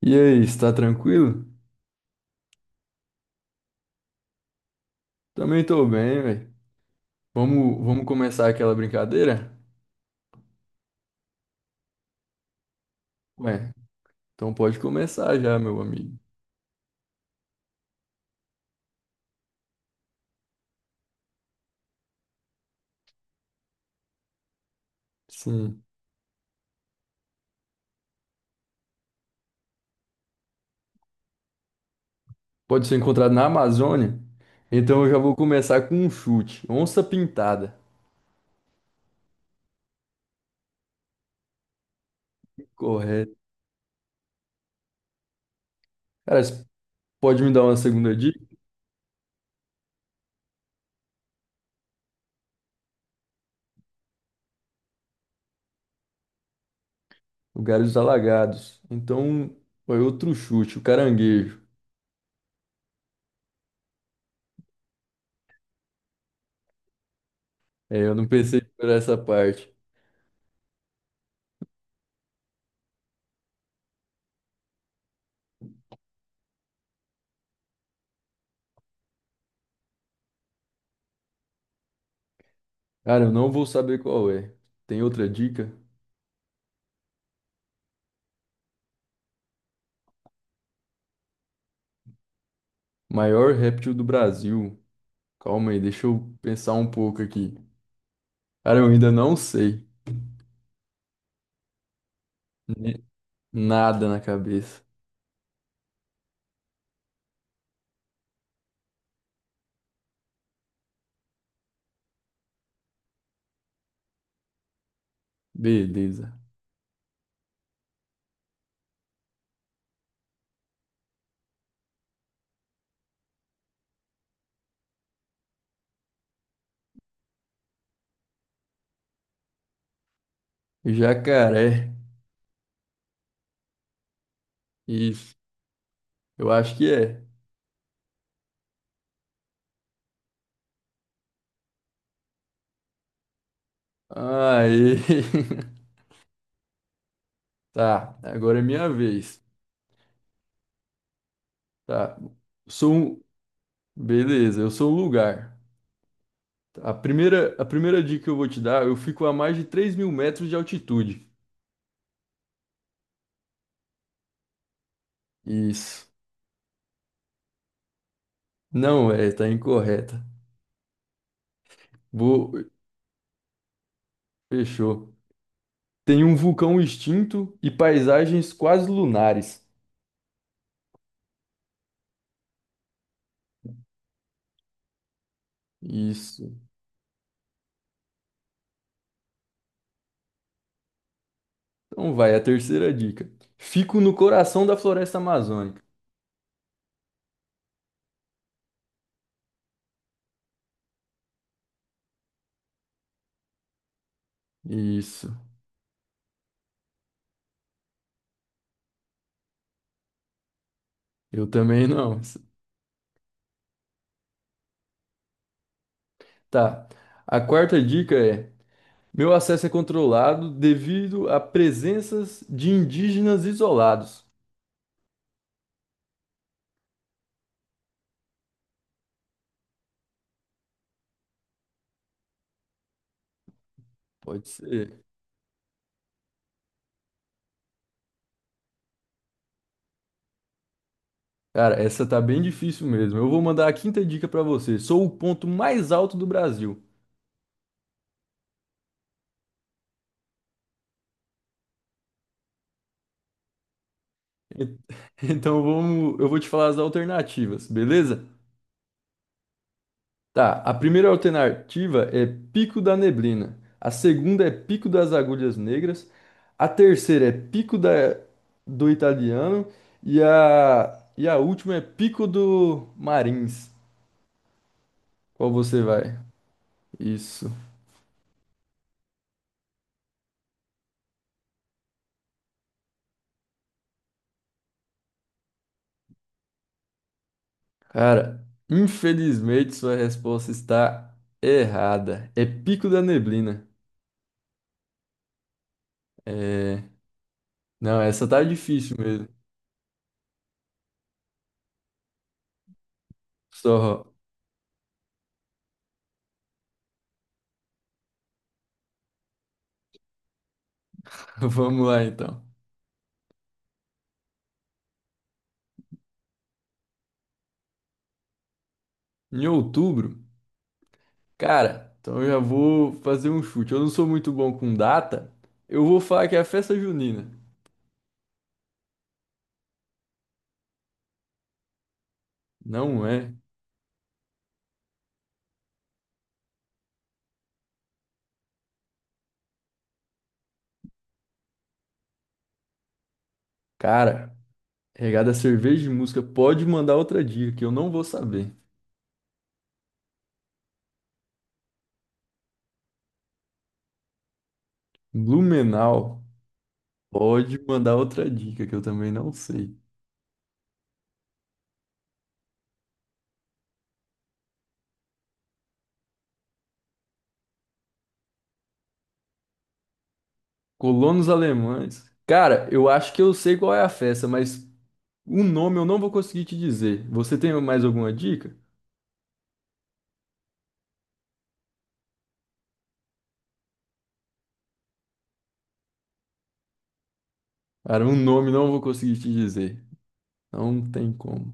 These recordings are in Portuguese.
E aí, está tranquilo? Também tô bem, velho. Vamos começar aquela brincadeira? Ué, então pode começar já, meu amigo. Sim. Pode ser encontrado na Amazônia? Então eu já vou começar com um chute. Onça pintada. Correto. Cara, você pode me dar uma segunda dica? Lugares alagados. Então, foi outro chute, o caranguejo. É, eu não pensei por essa parte. Cara, eu não vou saber qual é. Tem outra dica? Maior réptil do Brasil. Calma aí, deixa eu pensar um pouco aqui. Cara, eu ainda não sei. Ni- Nada na cabeça. Beleza. Jacaré. Isso. Eu acho que é. Aê. Tá, agora é minha vez. Tá. Sou um... Beleza, eu sou um lugar. A primeira dica que eu vou te dar, eu fico a mais de 3.000 metros de altitude. Isso. Não é, tá incorreta. Vou... Fechou. Tem um vulcão extinto e paisagens quase lunares. Isso. Então vai, a terceira dica. Fico no coração da floresta amazônica. Isso. Eu também não. Tá. A quarta dica é: meu acesso é controlado devido a presenças de indígenas isolados. Pode ser. Cara, essa tá bem difícil mesmo. Eu vou mandar a quinta dica pra você. Sou o ponto mais alto do Brasil. E- Então vamos, eu vou te falar as alternativas, beleza? Tá, a primeira alternativa é Pico da Neblina. A segunda é Pico das Agulhas Negras. A terceira é Pico da, do Italiano. E a última é Pico do Marins. Qual você vai? Isso. Cara, infelizmente sua resposta está errada. É Pico da Neblina. É... Não, essa tá difícil mesmo. Só vamos lá então. Em outubro. Cara, então eu já vou fazer um chute. Eu não sou muito bom com data. Eu vou falar que é a festa junina. Não é. Cara, regada a cerveja e música, pode mandar outra dica que eu não vou saber. Blumenau, pode mandar outra dica que eu também não sei. Colonos alemães. Cara, eu acho que eu sei qual é a festa, mas o nome eu não vou conseguir te dizer. Você tem mais alguma dica? Cara, o nome não vou conseguir te dizer. Não tem como.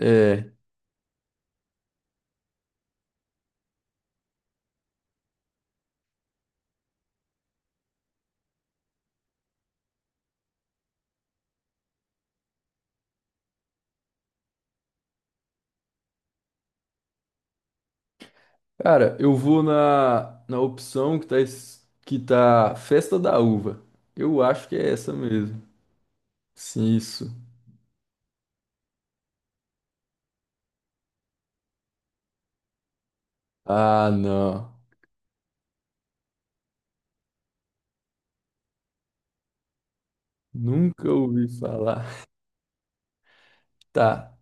É. Cara, eu vou na opção que tá, que tá Festa da Uva. Eu acho que é essa mesmo. Sim, isso. Ah, não. Nunca ouvi falar. Tá,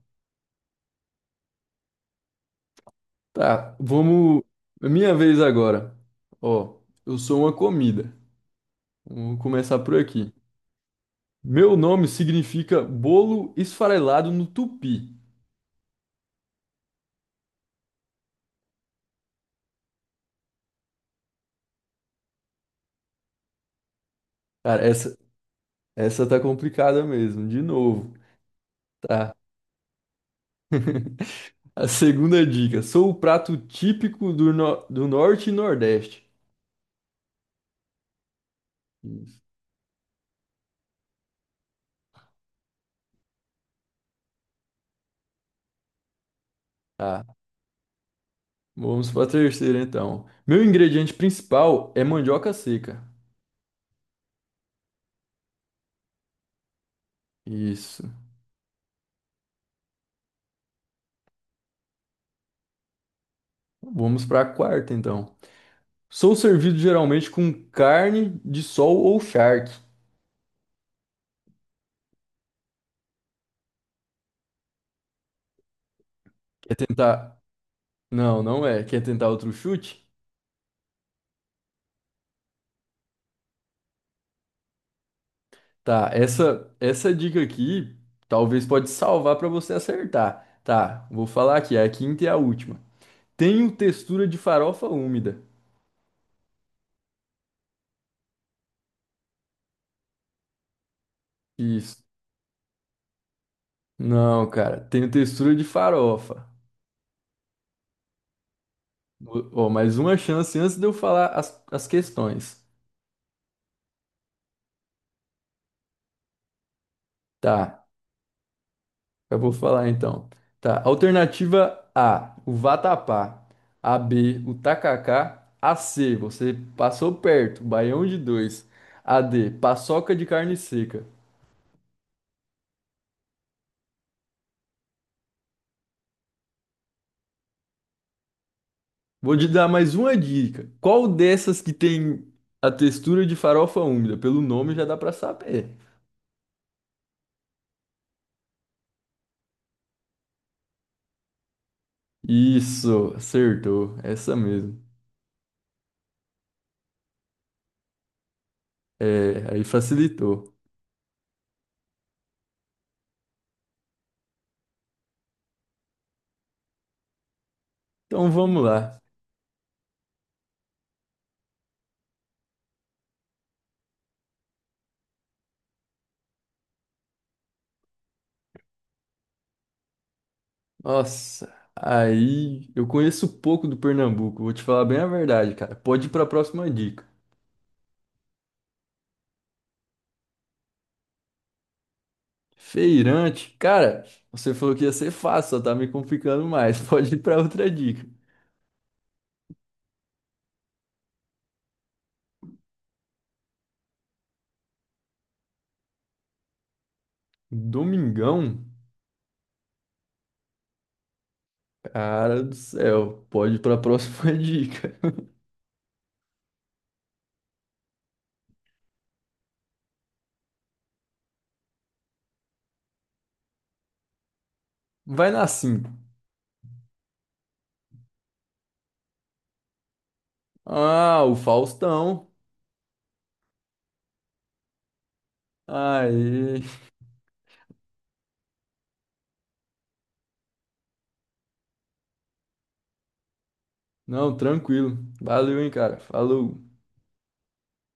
tá. Vamos. É minha vez agora. Ó, eu sou uma comida. Vamos começar por aqui. Meu nome significa bolo esfarelado no tupi. Cara, essa tá complicada mesmo. De novo. Tá. A segunda dica. Sou o prato típico do norte e nordeste. Isso. Tá. Vamos para a terceira, então. Meu ingrediente principal é mandioca seca. Isso. Vamos para a quarta, então. Sou servido geralmente com carne de sol ou charque. Quer tentar? Não, não é. Quer tentar outro chute? Tá, essa dica aqui talvez pode salvar para você acertar. Tá, vou falar aqui, a quinta e a última. Tenho textura de farofa úmida. Isso. Não, cara, tenho textura de farofa. Ó, mais uma chance antes de eu falar as questões. Tá, eu vou falar então. Tá, alternativa A, o vatapá. A B, o tacacá. A C, você passou perto, baião de dois. A D, paçoca de carne seca. Vou te dar mais uma dica. Qual dessas que tem a textura de farofa úmida? Pelo nome já dá pra saber. Isso, acertou. Essa mesmo. É, aí facilitou. Então vamos lá. Nossa, aí eu conheço pouco do Pernambuco, vou te falar bem a verdade, cara. Pode ir para a próxima dica. Feirante, cara, você falou que ia ser fácil, só tá me complicando mais. Pode ir para outra dica. Domingão, cara do céu, pode ir para a próxima dica. Vai na 5. Ah, o Faustão. Aê. Não, tranquilo. Valeu, hein, cara. Falou.